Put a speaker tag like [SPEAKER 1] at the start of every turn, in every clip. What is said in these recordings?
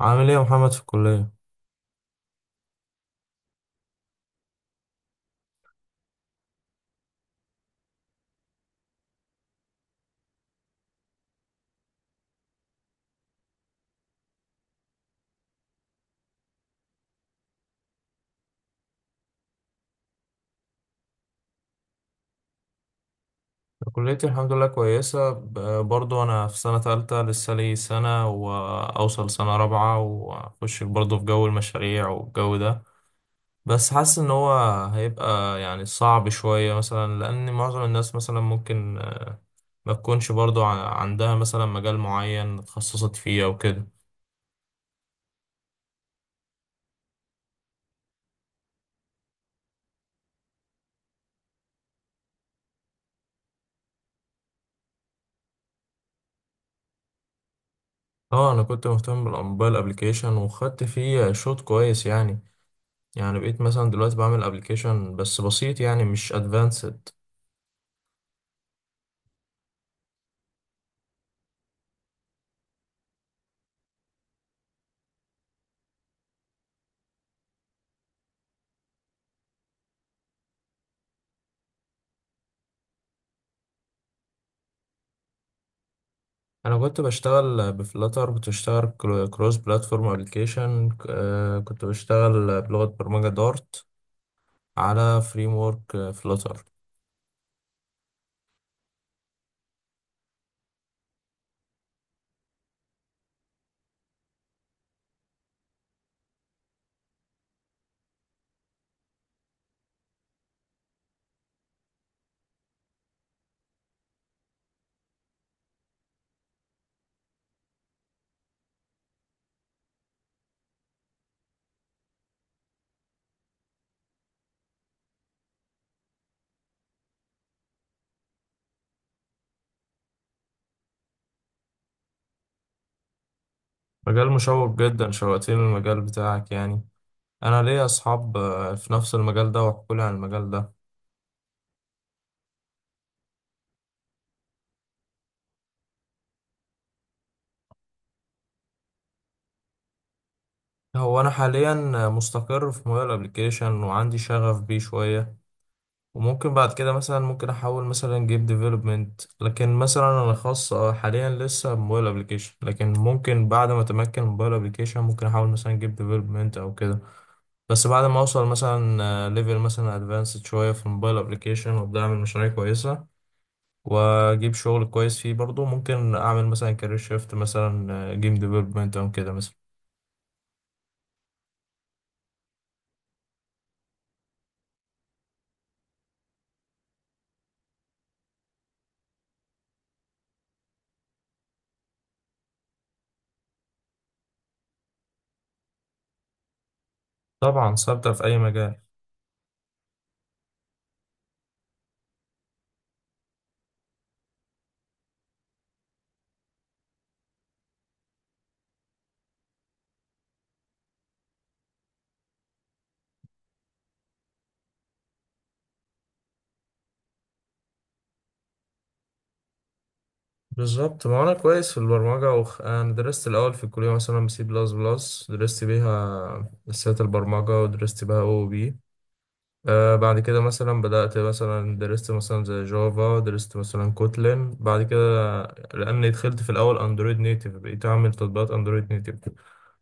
[SPEAKER 1] عامل ايه يا محمد في الكلية؟ كليتي الحمد لله كويسة برضو أنا في سنة تالتة لسه لي سنة وأوصل سنة رابعة وأخش برضو في جو المشاريع والجو ده. بس حاسس إن هو هيبقى يعني صعب شوية مثلا، لأن معظم الناس مثلا ممكن ما تكونش برضو عندها مثلا مجال معين اتخصصت فيه أو كده. اه، أنا كنت مهتم بالموبايل أبليكيشن وخدت فيه شوط كويس يعني. يعني بقيت مثلا دلوقتي بعمل أبليكيشن بس بسيط، يعني مش أدفانسد. انا كنت بشتغل بفلاتر، كنت بشتغل كروس بلاتفورم ابلكيشن، كنت بشتغل بلغة برمجة دارت على فريم ورك فلاتر. مجال مشوق جدا، شوقتني المجال بتاعك يعني. انا ليا اصحاب في نفس المجال ده وحكوا لي عن المجال ده. هو انا حاليا مستقر في موبايل ابلكيشن وعندي شغف بيه شوية، وممكن بعد كده مثلا ممكن احول مثلا جيم ديفلوبمنت. لكن مثلا انا خاص حاليا لسه موبايل ابلكيشن، لكن ممكن بعد ما اتمكن موبايل ابلكيشن ممكن احول مثلا جيم ديفلوبمنت او كده. بس بعد ما اوصل مثلا ليفل مثلا ادفانسد شويه في الموبايل ابلكيشن وابدا اعمل مشاريع كويسه واجيب شغل كويس فيه، برضه ممكن اعمل مثلا كارير شيفت مثلا جيم ديفلوبمنت او كده مثلا. طبعا ثابته في اي مجال. بالظبط، ما انا كويس في البرمجه انا درست الاول في الكليه مثلا سي بلس بلس، درست بيها اساسيات البرمجه ودرست بيها او بي. آه بعد كده مثلا بدات مثلا درست مثلا زي جافا، درست مثلا كوتلين بعد كده، لاني دخلت في الاول اندرويد نيتف، بقيت اعمل تطبيقات اندرويد نيتف.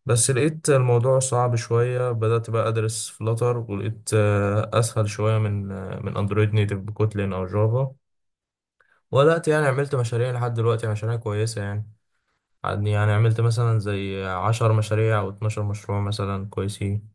[SPEAKER 1] بس لقيت الموضوع صعب شويه، بدات بقى ادرس فلاتر ولقيت آه اسهل شويه من آه من اندرويد نيتف بكوتلين او جافا. وبدات يعني عملت مشاريع لحد دلوقتي مشاريع كويسه يعني. يعني عملت مثلا زي عشر مشاريع أو اتناشر مشروع مثلا كويسين.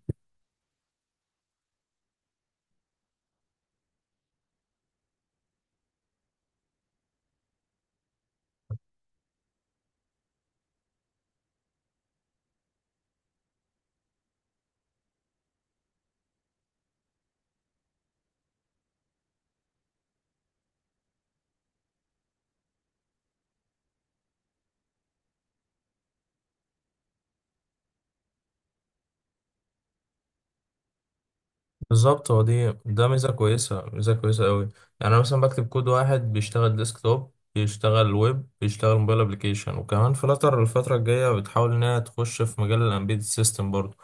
[SPEAKER 1] بالظبط، هو دي ده ميزة كويسة، ميزة كويسة أوي. يعني أنا مثلا بكتب كود واحد بيشتغل ديسكتوب، بيشتغل ويب، بيشتغل موبايل أبليكيشن، وكمان فلاتر الفترة الجاية بتحاول إنها تخش في مجال الأمبيد سيستم برضه.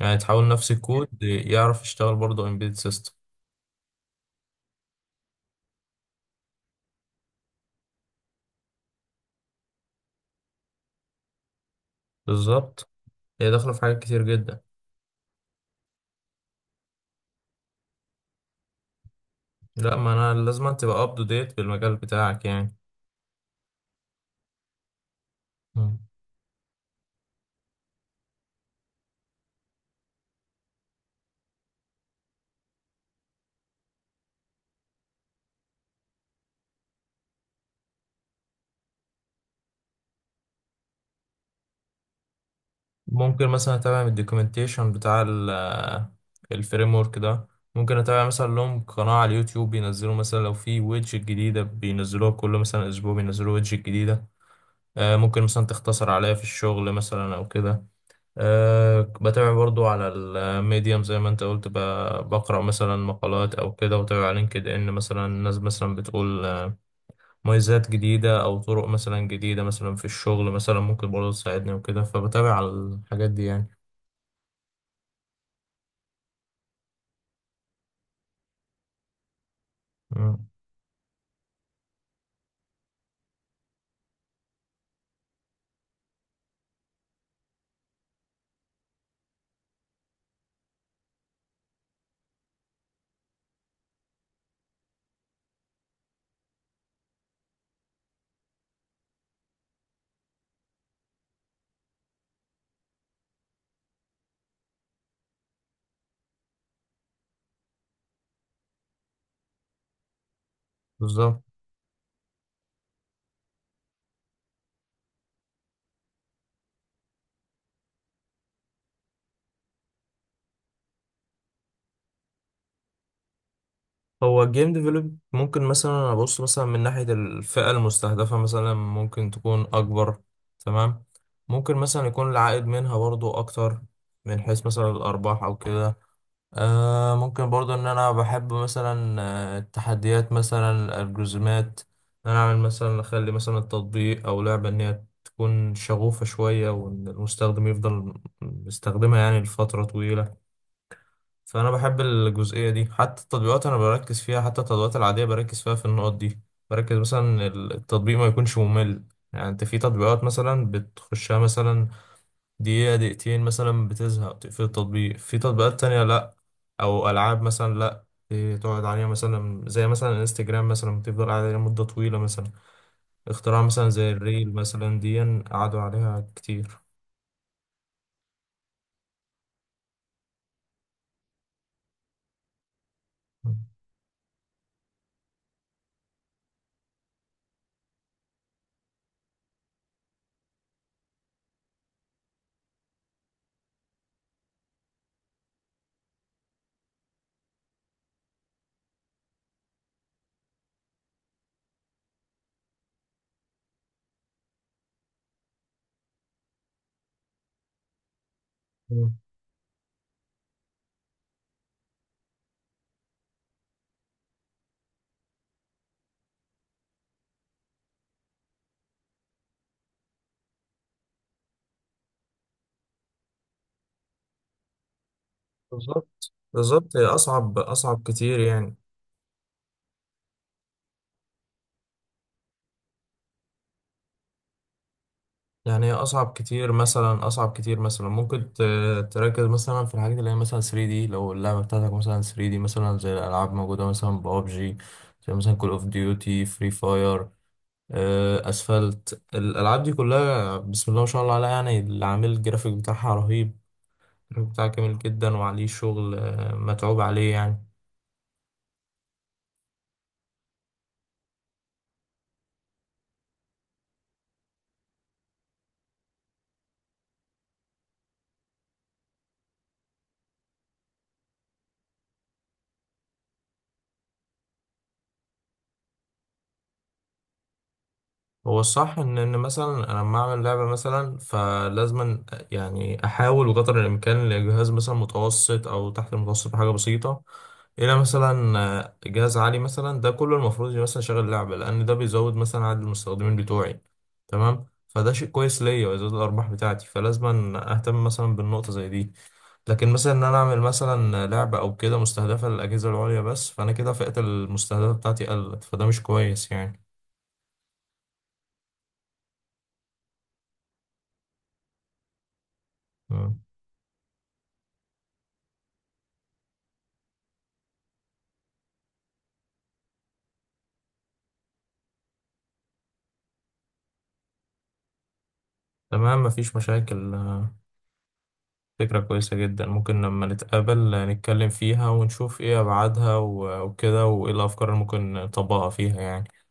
[SPEAKER 1] يعني تحاول نفس الكود يعرف يشتغل برضه أمبيد سيستم. بالظبط، هي داخلة في حاجات كتير جدا. لا، ما أنا لازم تبقى أب تو ديت بالمجال بتاعك يعني. ممكن مثلا اتابع من الدوكيومنتيشن بتاع الفريم ورك ده. ممكن اتابع مثلا لهم قناة على اليوتيوب، بينزلوا مثلا لو في ويدج جديدة بينزلوها، كل مثلا اسبوع بينزلوا ويدج جديدة. ممكن مثلا تختصر عليا في الشغل مثلا او كده. بتابع برضو على الميديم زي ما انت قلت، بقرأ مثلا مقالات او كده، وتابع على لينكد ان مثلا الناس مثلا بتقول مميزات جديدة او طرق مثلا جديدة مثلا في الشغل مثلا ممكن برضو تساعدني وكده، فبتابع على الحاجات دي يعني. بالظبط، هو الجيم ديفلوب ممكن مثلا ابص مثلا من ناحية الفئة المستهدفة مثلا ممكن تكون اكبر. تمام. ممكن مثلا يكون العائد منها برضو اكتر، من حيث مثلا الارباح او كده. آه ممكن برضو ان انا بحب مثلا التحديات مثلا الجزمات، ان انا اعمل مثلا اخلي مثلا التطبيق او لعبة ان هي تكون شغوفة شوية، وان المستخدم يفضل مستخدمها يعني لفترة طويلة. فانا بحب الجزئيه دي، حتى التطبيقات انا بركز فيها، حتى التطبيقات العاديه بركز فيها في النقط دي. بركز مثلا التطبيق ما يكونش ممل. يعني انت في تطبيقات مثلا بتخشها مثلا دقيقه دقيقتين مثلا بتزهق تقفل التطبيق، في تطبيقات تانية لا. او العاب مثلا لا، تقعد عليها مثلا زي مثلا الانستجرام مثلا بتفضل قاعد عليها مده طويله مثلا. اختراع مثلا زي الريل مثلا دي قعدوا عليها كتير. مم. بالظبط بالظبط، هي اصعب اصعب كتير يعني. يعني هي اصعب كتير مثلا، اصعب كتير مثلا ممكن تركز مثلا في الحاجات اللي هي مثلا 3 دي، لو اللعبه بتاعتك مثلا 3 دي مثلا زي الالعاب موجوده مثلا بابجي، زي مثلا كول اوف ديوتي، فري فاير، اسفلت، الالعاب دي كلها بسم الله ما شاء الله عليها يعني، اللي عامل الجرافيك بتاعها رهيب. الجرافيك بتاعها جميل جدا وعليه شغل متعوب عليه يعني. هو الصح ان مثلا انا لما اعمل لعبه مثلا فلازم يعني احاول بقدر الامكان لجهاز مثلا متوسط او تحت المتوسط بحاجه بسيطه، الى مثلا جهاز عالي مثلا، ده كله المفروض مثلا شغل لعبه، لان ده بيزود مثلا عدد المستخدمين بتوعي. تمام، فده شيء كويس ليا ويزود الارباح بتاعتي، فلازم اهتم مثلا بالنقطه زي دي. لكن مثلا ان انا اعمل مثلا لعبه او كده مستهدفه للاجهزه العليا بس، فانا كده فئه المستهدفه بتاعتي قلت، فده مش كويس يعني. تمام، مفيش مشاكل. فكرة كويسة جدا. ممكن لما نتقابل نتكلم فيها ونشوف ايه أبعادها وكده، وايه الأفكار اللي ممكن نطبقها فيها يعني.